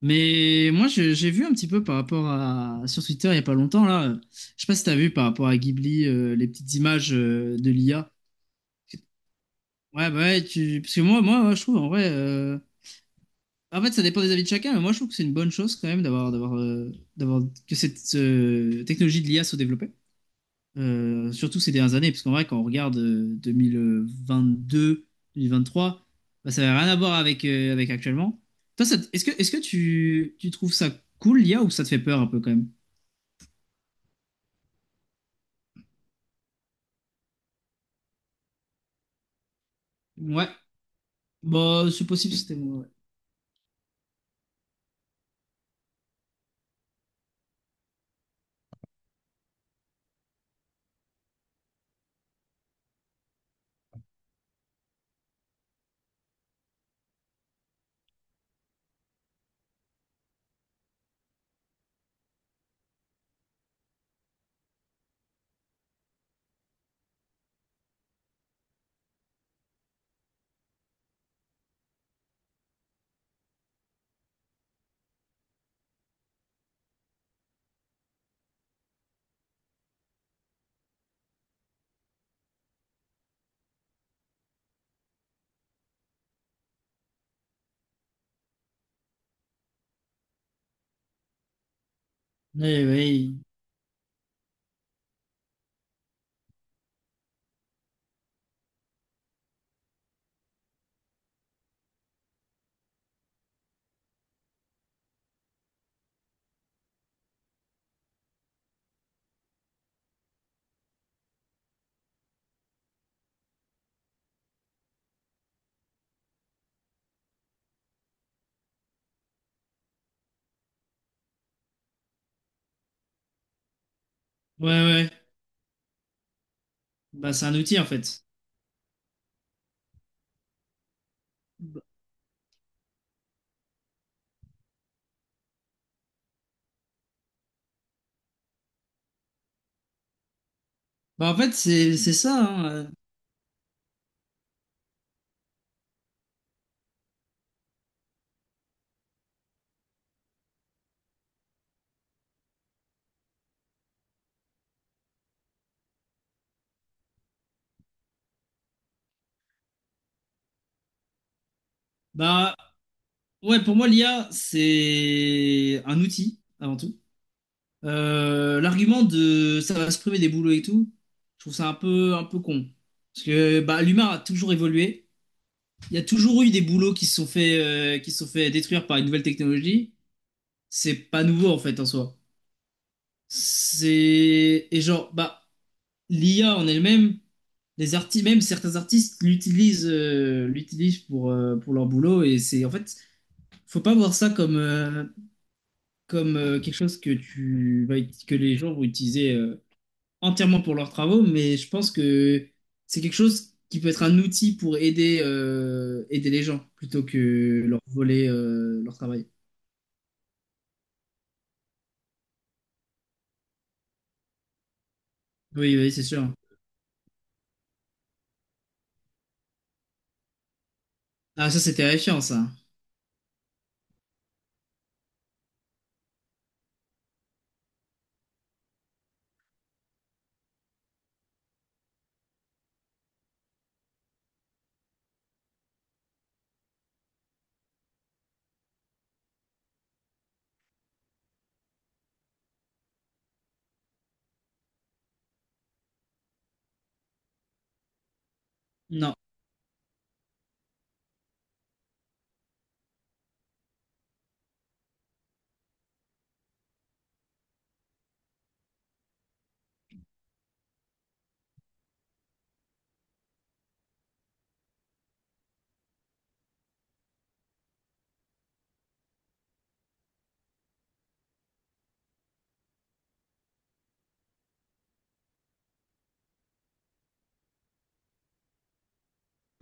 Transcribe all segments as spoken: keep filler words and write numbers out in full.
Mais moi, je- j'ai vu un petit peu par rapport à sur Twitter il y a pas longtemps là. euh, Je sais pas si t'as vu par rapport à Ghibli euh, les petites images euh, de l'I A. Ouais, bah ouais, tu... parce que moi, moi, ouais, je trouve en vrai. euh, En fait, ça dépend des avis de chacun, mais moi, je trouve que c'est une bonne chose quand même d'avoir, d'avoir, euh, d'avoir que cette euh, technologie de l'I A soit développée euh, surtout ces dernières années, parce qu'en vrai, quand on regarde euh, deux mille vingt-deux, deux mille vingt-trois, bah, ça n'a rien à voir avec, euh, avec actuellement. Toi, ça te- est-ce que, est-ce que tu, tu trouves ça cool, l'I A, ou ça te fait peur un peu quand même? Ouais, bah, c'est possible, c'était moi. Ouais, ouais, ouais, ouais. ouais. Bah, c'est un outil en fait. Bah, bah, en fait, c'est c'est ça, hein. Bah, ouais, pour moi, l'I A, c'est un outil avant tout. Euh, l'argument de ça va se priver des boulots et tout, je trouve ça un peu, un peu con. Parce que bah, l'humain a toujours évolué. Il y a toujours eu des boulots qui se sont fait, euh, qui se sont fait détruire par une nouvelle technologie. C'est pas nouveau en fait en soi. C'est. Et genre, bah, l'I A en elle-même, les artistes, même certains artistes l'utilisent euh, l'utilisent pour, euh, pour leur boulot. Et c'est en fait, faut pas voir ça comme, euh, comme euh, quelque chose que, tu, vas- ut- que les gens vont utiliser. euh, entièrement pour leurs travaux, mais je pense que c'est quelque chose qui peut être un outil pour aider, euh, aider les gens plutôt que leur voler euh, leur travail. Oui, oui, c'est sûr. Ah, ça, c'est terrifiant, ça. Non.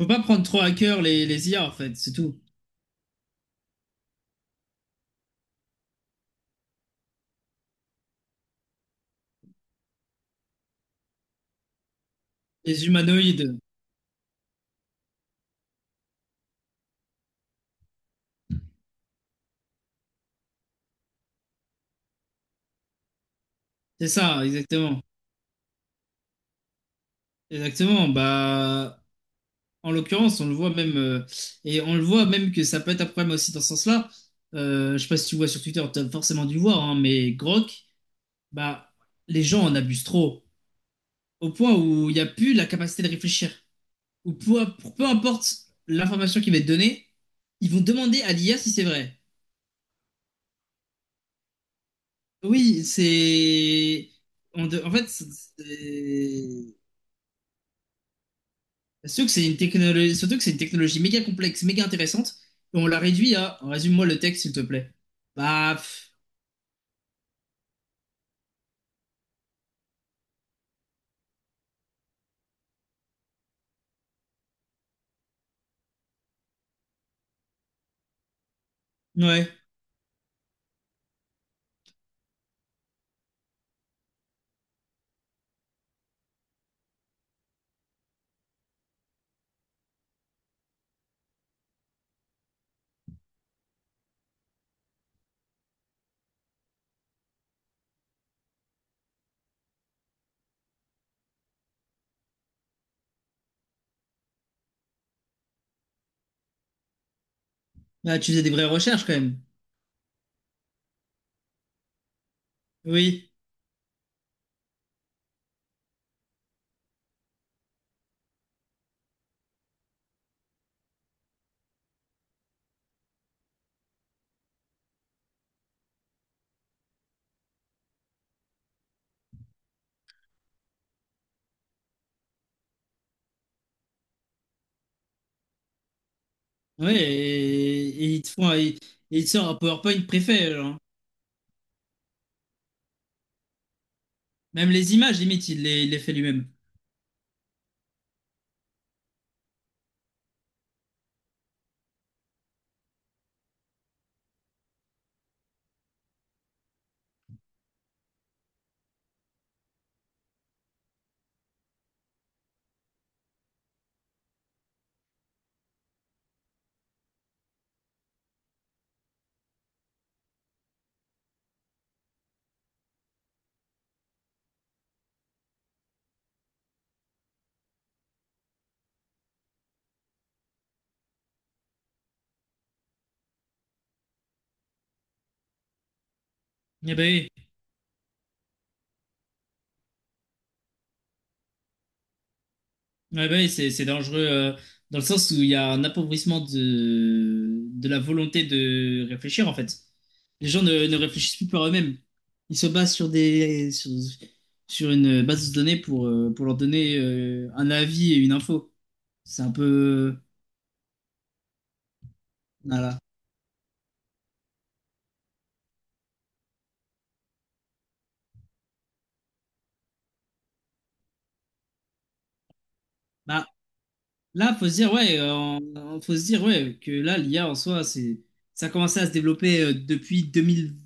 Faut pas prendre trop à cœur les, les I A, en fait, c'est tout. Les humanoïdes. C'est ça, exactement. Exactement. Bah, en l'occurrence, on le voit même euh, et on le voit même que ça peut être un problème aussi dans ce sens-là. Euh, je sais pas si tu vois sur Twitter, tu as forcément dû le voir, hein, mais Grok, bah les gens en abusent trop au point où il n'y a plus la capacité de réfléchir. Ou pour, pour- peu importe l'information qui va être donnée, ils vont demander à l'I A si c'est vrai. Oui, c'est on de- en fait c'est- surtout que c'est une technologie, surtout que c'est une technologie méga complexe, méga intéressante, et on la réduit à résume-moi le texte s'il te plaît. Bah, pff, Ouais, bah, tu faisais des vraies recherches quand même. Oui, ouais, et, et ils te font, euh, ils- et il te sort un PowerPoint préfet, genre. Même les images, limite, il les, il les fait lui-même. Eh ben oui, ouais, bah oui, c'est, c'est dangereux euh, dans le sens où il y a un appauvrissement de, de la volonté de réfléchir, en fait. Les gens ne, ne réfléchissent plus par eux-mêmes. Ils se basent sur des, sur, sur une base de données pour, euh, pour leur donner euh, un avis et une info. C'est un peu... Voilà. Bah, là, faut se dire, ouais, euh, on- faut se dire, ouais, que là, l'I A en soi, c'est, ça a commencé à se développer euh, depuis deux mille.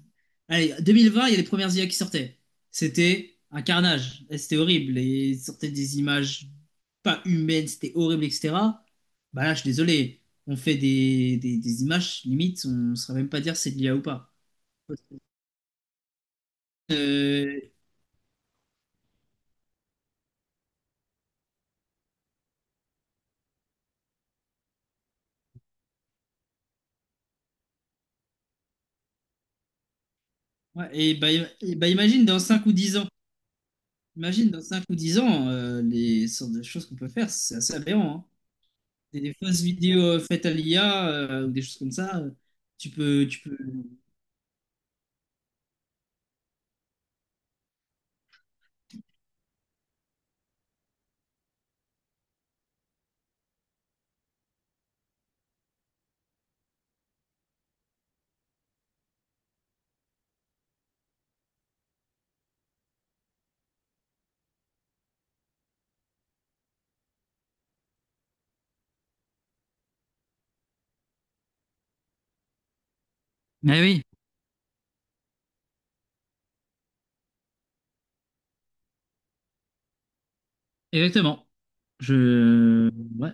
Allez, deux mille vingt, il y a les premières I A qui sortaient. C'était un carnage, et c'était horrible. Et ils sortaient des images pas humaines, c'était horrible, et cetera. Bah là, je suis désolé, on fait des, des, des images, limite, on ne saurait même pas dire si c'est de l'I A ou pas. Euh, ouais, et bah, et bah, imagine dans cinq ou dix ans, imagine dans cinq ou dix ans, euh, les sortes de choses qu'on peut faire, c'est assez aberrant, hein. des, des fausses vidéos euh, faites à l'I A euh, ou des choses comme ça, euh, tu peux, tu peux. Mais oui, exactement. Je... ouais.